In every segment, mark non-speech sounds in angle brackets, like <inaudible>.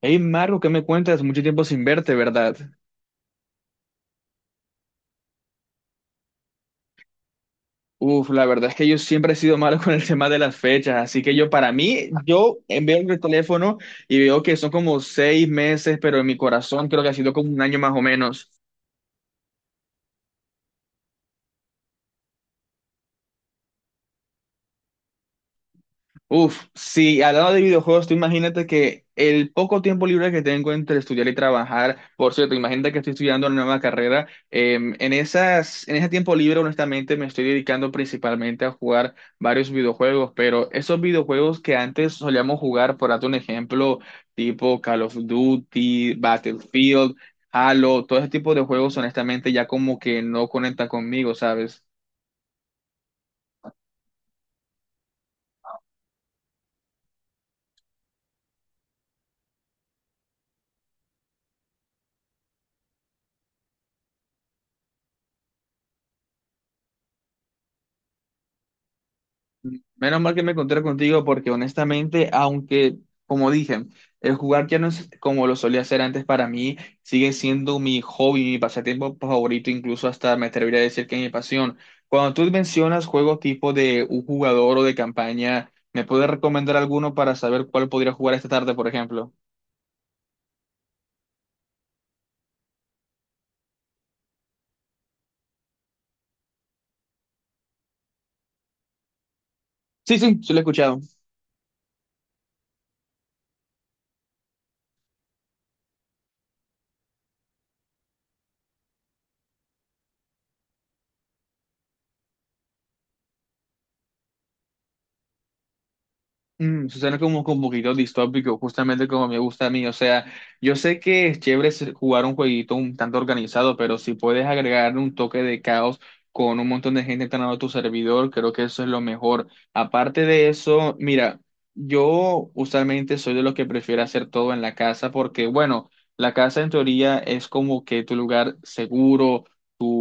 Hey Marco, ¿qué me cuentas? Mucho tiempo sin verte, ¿verdad? Uf, la verdad es que yo siempre he sido malo <laughs> con el tema de las fechas, así que yo para mí, yo veo el teléfono y veo que son como 6 meses, pero en mi corazón creo que ha sido como un año más o menos. Uf, sí, hablando de videojuegos, tú imagínate que el poco tiempo libre que tengo entre estudiar y trabajar, por cierto, imagínate que estoy estudiando una nueva carrera, en ese tiempo libre, honestamente, me estoy dedicando principalmente a jugar varios videojuegos, pero esos videojuegos que antes solíamos jugar, por darte un ejemplo, tipo Call of Duty, Battlefield, Halo, todo ese tipo de juegos, honestamente, ya como que no conecta conmigo, ¿sabes? Menos mal que me encontré contigo porque, honestamente, aunque, como dije, el jugar ya no es como lo solía hacer antes para mí, sigue siendo mi hobby, mi pasatiempo favorito, incluso hasta me atrevería a decir que es mi pasión. Cuando tú mencionas juegos tipo de un jugador o de campaña, ¿me puedes recomendar alguno para saber cuál podría jugar esta tarde, por ejemplo? Sí, sí, sí lo he escuchado. Suena como que un poquito distópico, justamente como me gusta a mí. O sea, yo sé que es chévere jugar un jueguito un tanto organizado, pero si puedes agregar un toque de caos con un montón de gente entrando a tu servidor, creo que eso es lo mejor. Aparte de eso, mira, yo usualmente soy de los que prefiero hacer todo en la casa porque, bueno, la casa en teoría es como que tu lugar seguro,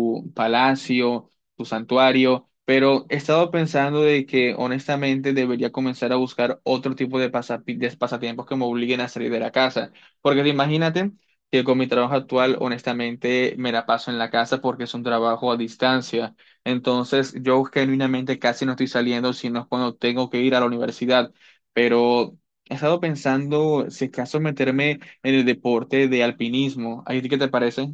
tu palacio, tu santuario, pero he estado pensando de que honestamente debería comenzar a buscar otro tipo de pasatiempos que me obliguen a salir de la casa, porque imagínate que con mi trabajo actual honestamente me la paso en la casa porque es un trabajo a distancia, entonces yo genuinamente casi no estoy saliendo, sino es cuando tengo que ir a la universidad, pero. He estado pensando si acaso meterme en el deporte de alpinismo. ¿A ti qué te parece?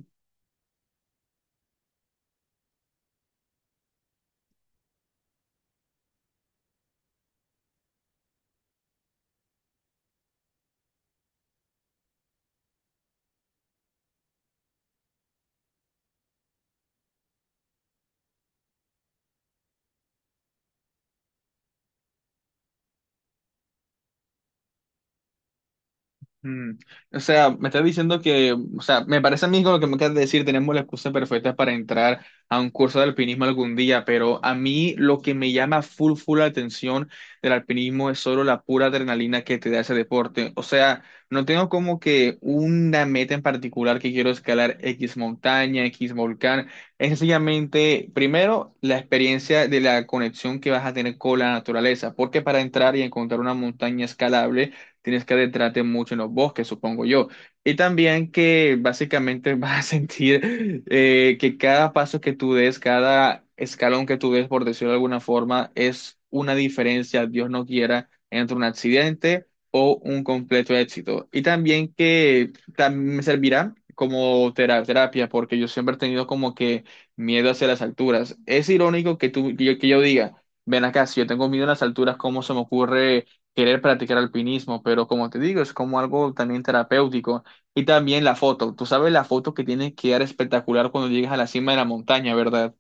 Mm, O sea, me estás diciendo que, o sea, me parece a mí con lo que me acabas de decir, tenemos la excusa perfecta para entrar a un curso de alpinismo algún día, pero a mí lo que me llama full, full la atención del alpinismo es solo la pura adrenalina que te da ese deporte. O sea, no tengo como que una meta en particular que quiero escalar X montaña, X volcán. Es sencillamente, primero, la experiencia de la conexión que vas a tener con la naturaleza, porque para entrar y encontrar una montaña escalable, tienes que adentrarte mucho en los bosques, supongo yo. Y también que básicamente <laughs> vas a sentir que cada paso que tú des, cada escalón que tú des, por decirlo de alguna forma, es una diferencia, Dios no quiera, entre un accidente o un completo éxito. Y también que también me servirá como terapia, porque yo siempre he tenido como que miedo hacia las alturas. Es irónico que yo diga, ven acá, si yo tengo miedo a las alturas, ¿cómo se me ocurre querer practicar alpinismo? Pero, como te digo, es como algo también terapéutico. Y también la foto, tú sabes, la foto que tienes que dar espectacular cuando llegas a la cima de la montaña, ¿verdad?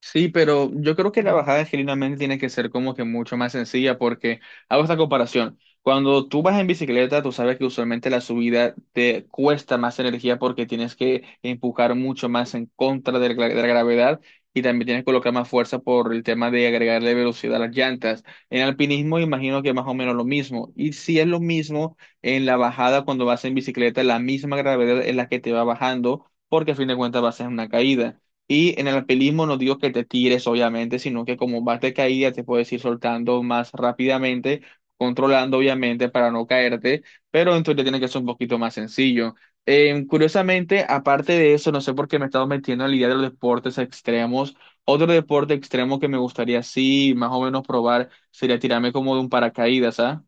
Sí, pero yo creo que la bajada generalmente tiene que ser como que mucho más sencilla porque hago esta comparación. Cuando tú vas en bicicleta, tú sabes que usualmente la subida te cuesta más energía porque tienes que empujar mucho más en contra de la gravedad y también tienes que colocar más fuerza por el tema de agregarle velocidad a las llantas. En alpinismo imagino que más o menos lo mismo. Y si es lo mismo en la bajada cuando vas en bicicleta, la misma gravedad es la que te va bajando porque a fin de cuentas vas en una caída. Y en el alpinismo no digo que te tires, obviamente, sino que como vas de caída te puedes ir soltando más rápidamente, controlando, obviamente, para no caerte, pero entonces tiene que ser un poquito más sencillo. Curiosamente, aparte de eso, no sé por qué me he estado metiendo en la idea de los deportes extremos. Otro deporte extremo que me gustaría, sí, más o menos probar sería tirarme como de un paracaídas, ¿ah?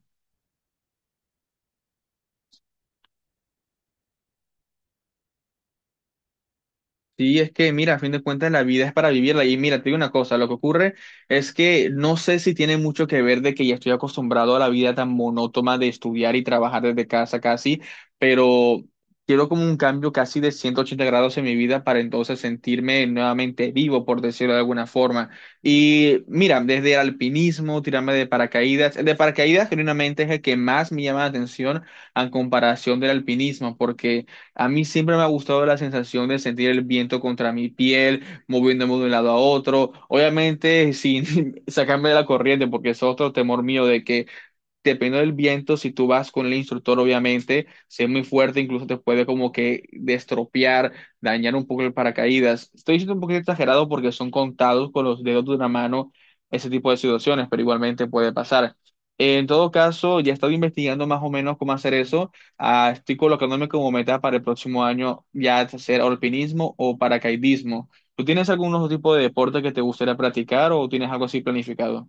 Sí, es que, mira, a fin de cuentas la vida es para vivirla. Y mira, te digo una cosa, lo que ocurre es que no sé si tiene mucho que ver de que ya estoy acostumbrado a la vida tan monótona de estudiar y trabajar desde casa casi, pero quiero como un cambio casi de 180 grados en mi vida para entonces sentirme nuevamente vivo, por decirlo de alguna forma. Y mira, desde el alpinismo, tirarme de paracaídas, el de paracaídas genuinamente es el que más me llama la atención en comparación del alpinismo, porque. A mí siempre me ha gustado la sensación de sentir el viento contra mi piel, moviéndome de un lado a otro. Obviamente, sin <laughs> sacarme de la corriente, porque es otro temor mío de que dependiendo del viento, si tú vas con el instructor, obviamente, si es muy fuerte, incluso te puede como que destropear, dañar un poco el paracaídas. Estoy diciendo un poquito exagerado porque son contados con los dedos de una mano ese tipo de situaciones, pero igualmente puede pasar. En todo caso, ya he estado investigando más o menos cómo hacer eso. Ah, estoy colocándome como meta para el próximo año ya hacer alpinismo o paracaidismo. ¿Tú tienes algún otro tipo de deporte que te gustaría practicar o tienes algo así planificado?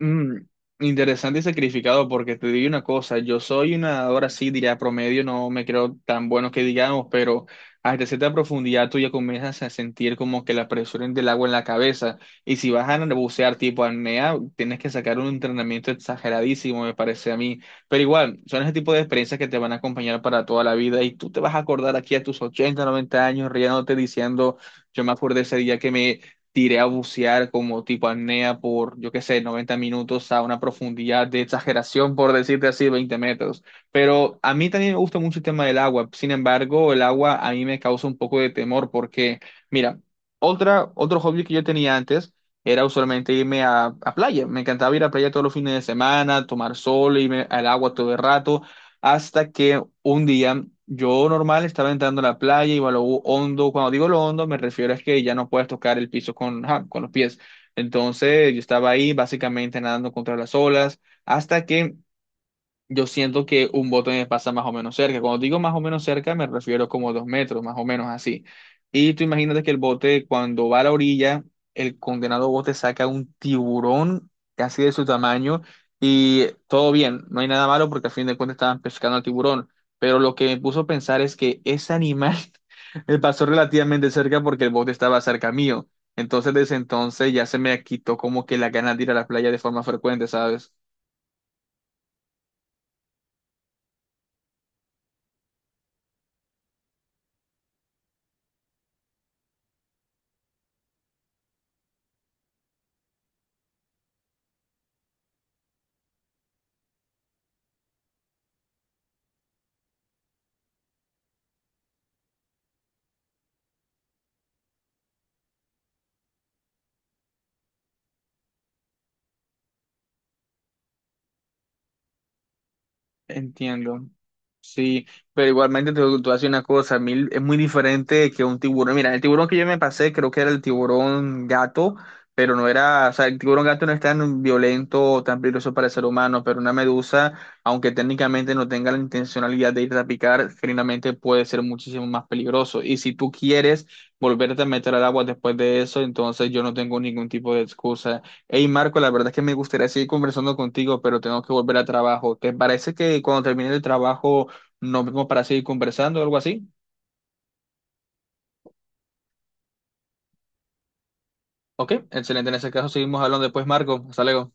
Mm, Interesante y sacrificado, porque te digo una cosa, yo soy una nadador así, diría promedio, no me creo tan bueno que digamos, pero hasta cierta profundidad tú ya comienzas a sentir como que la presión del agua en la cabeza, y si vas a bucear tipo apnea, tienes que sacar un entrenamiento exageradísimo, me parece a mí, pero igual, son ese tipo de experiencias que te van a acompañar para toda la vida, y tú te vas a acordar aquí a tus 80-90 años riéndote diciendo, yo me acuerdo ese día que me tiré a bucear como tipo apnea por, yo qué sé, 90 minutos a una profundidad de exageración, por decirte así, 20 metros. Pero a mí también me gusta mucho el tema del agua. Sin embargo, el agua a mí me causa un poco de temor porque, mira, otro hobby que yo tenía antes era usualmente irme a playa. Me encantaba ir a playa todos los fines de semana, tomar sol, irme al agua todo el rato. Hasta que un día, yo normal estaba entrando a la playa, iba a lo hondo. Cuando digo lo hondo, me refiero es que ya no puedes tocar el piso con, ajá, con los pies. Entonces, yo estaba ahí básicamente nadando contra las olas, hasta que yo siento que un bote me pasa más o menos cerca. Cuando digo más o menos cerca, me refiero como 2 metros, más o menos así. Y tú imagínate que el bote, cuando va a la orilla, el condenado bote saca un tiburón casi de su tamaño, y todo bien, no hay nada malo porque al fin de cuentas estaban pescando al tiburón. Pero lo que me puso a pensar es que ese animal <laughs> me pasó relativamente cerca porque el bote estaba cerca mío. Entonces, desde entonces ya se me quitó como que la ganas de ir a la playa de forma frecuente, ¿sabes? Entiendo. Sí, pero igualmente te voy a decir una cosa, a mí es muy diferente que un tiburón. Mira, el tiburón que yo me pasé creo que era el tiburón gato, pero no era, o sea, el tiburón gato no es tan violento o tan peligroso para el ser humano, pero una medusa, aunque técnicamente no tenga la intencionalidad de ir a picar, finalmente puede ser muchísimo más peligroso. Y si tú quieres volverte a meter al agua después de eso, entonces yo no tengo ningún tipo de excusa. Hey Marco, la verdad es que me gustaría seguir conversando contigo, pero tengo que volver al trabajo. ¿Te parece que cuando termine el trabajo nos vemos para seguir conversando o algo así? Ok, excelente. En ese caso seguimos hablando después, Marco. Hasta luego.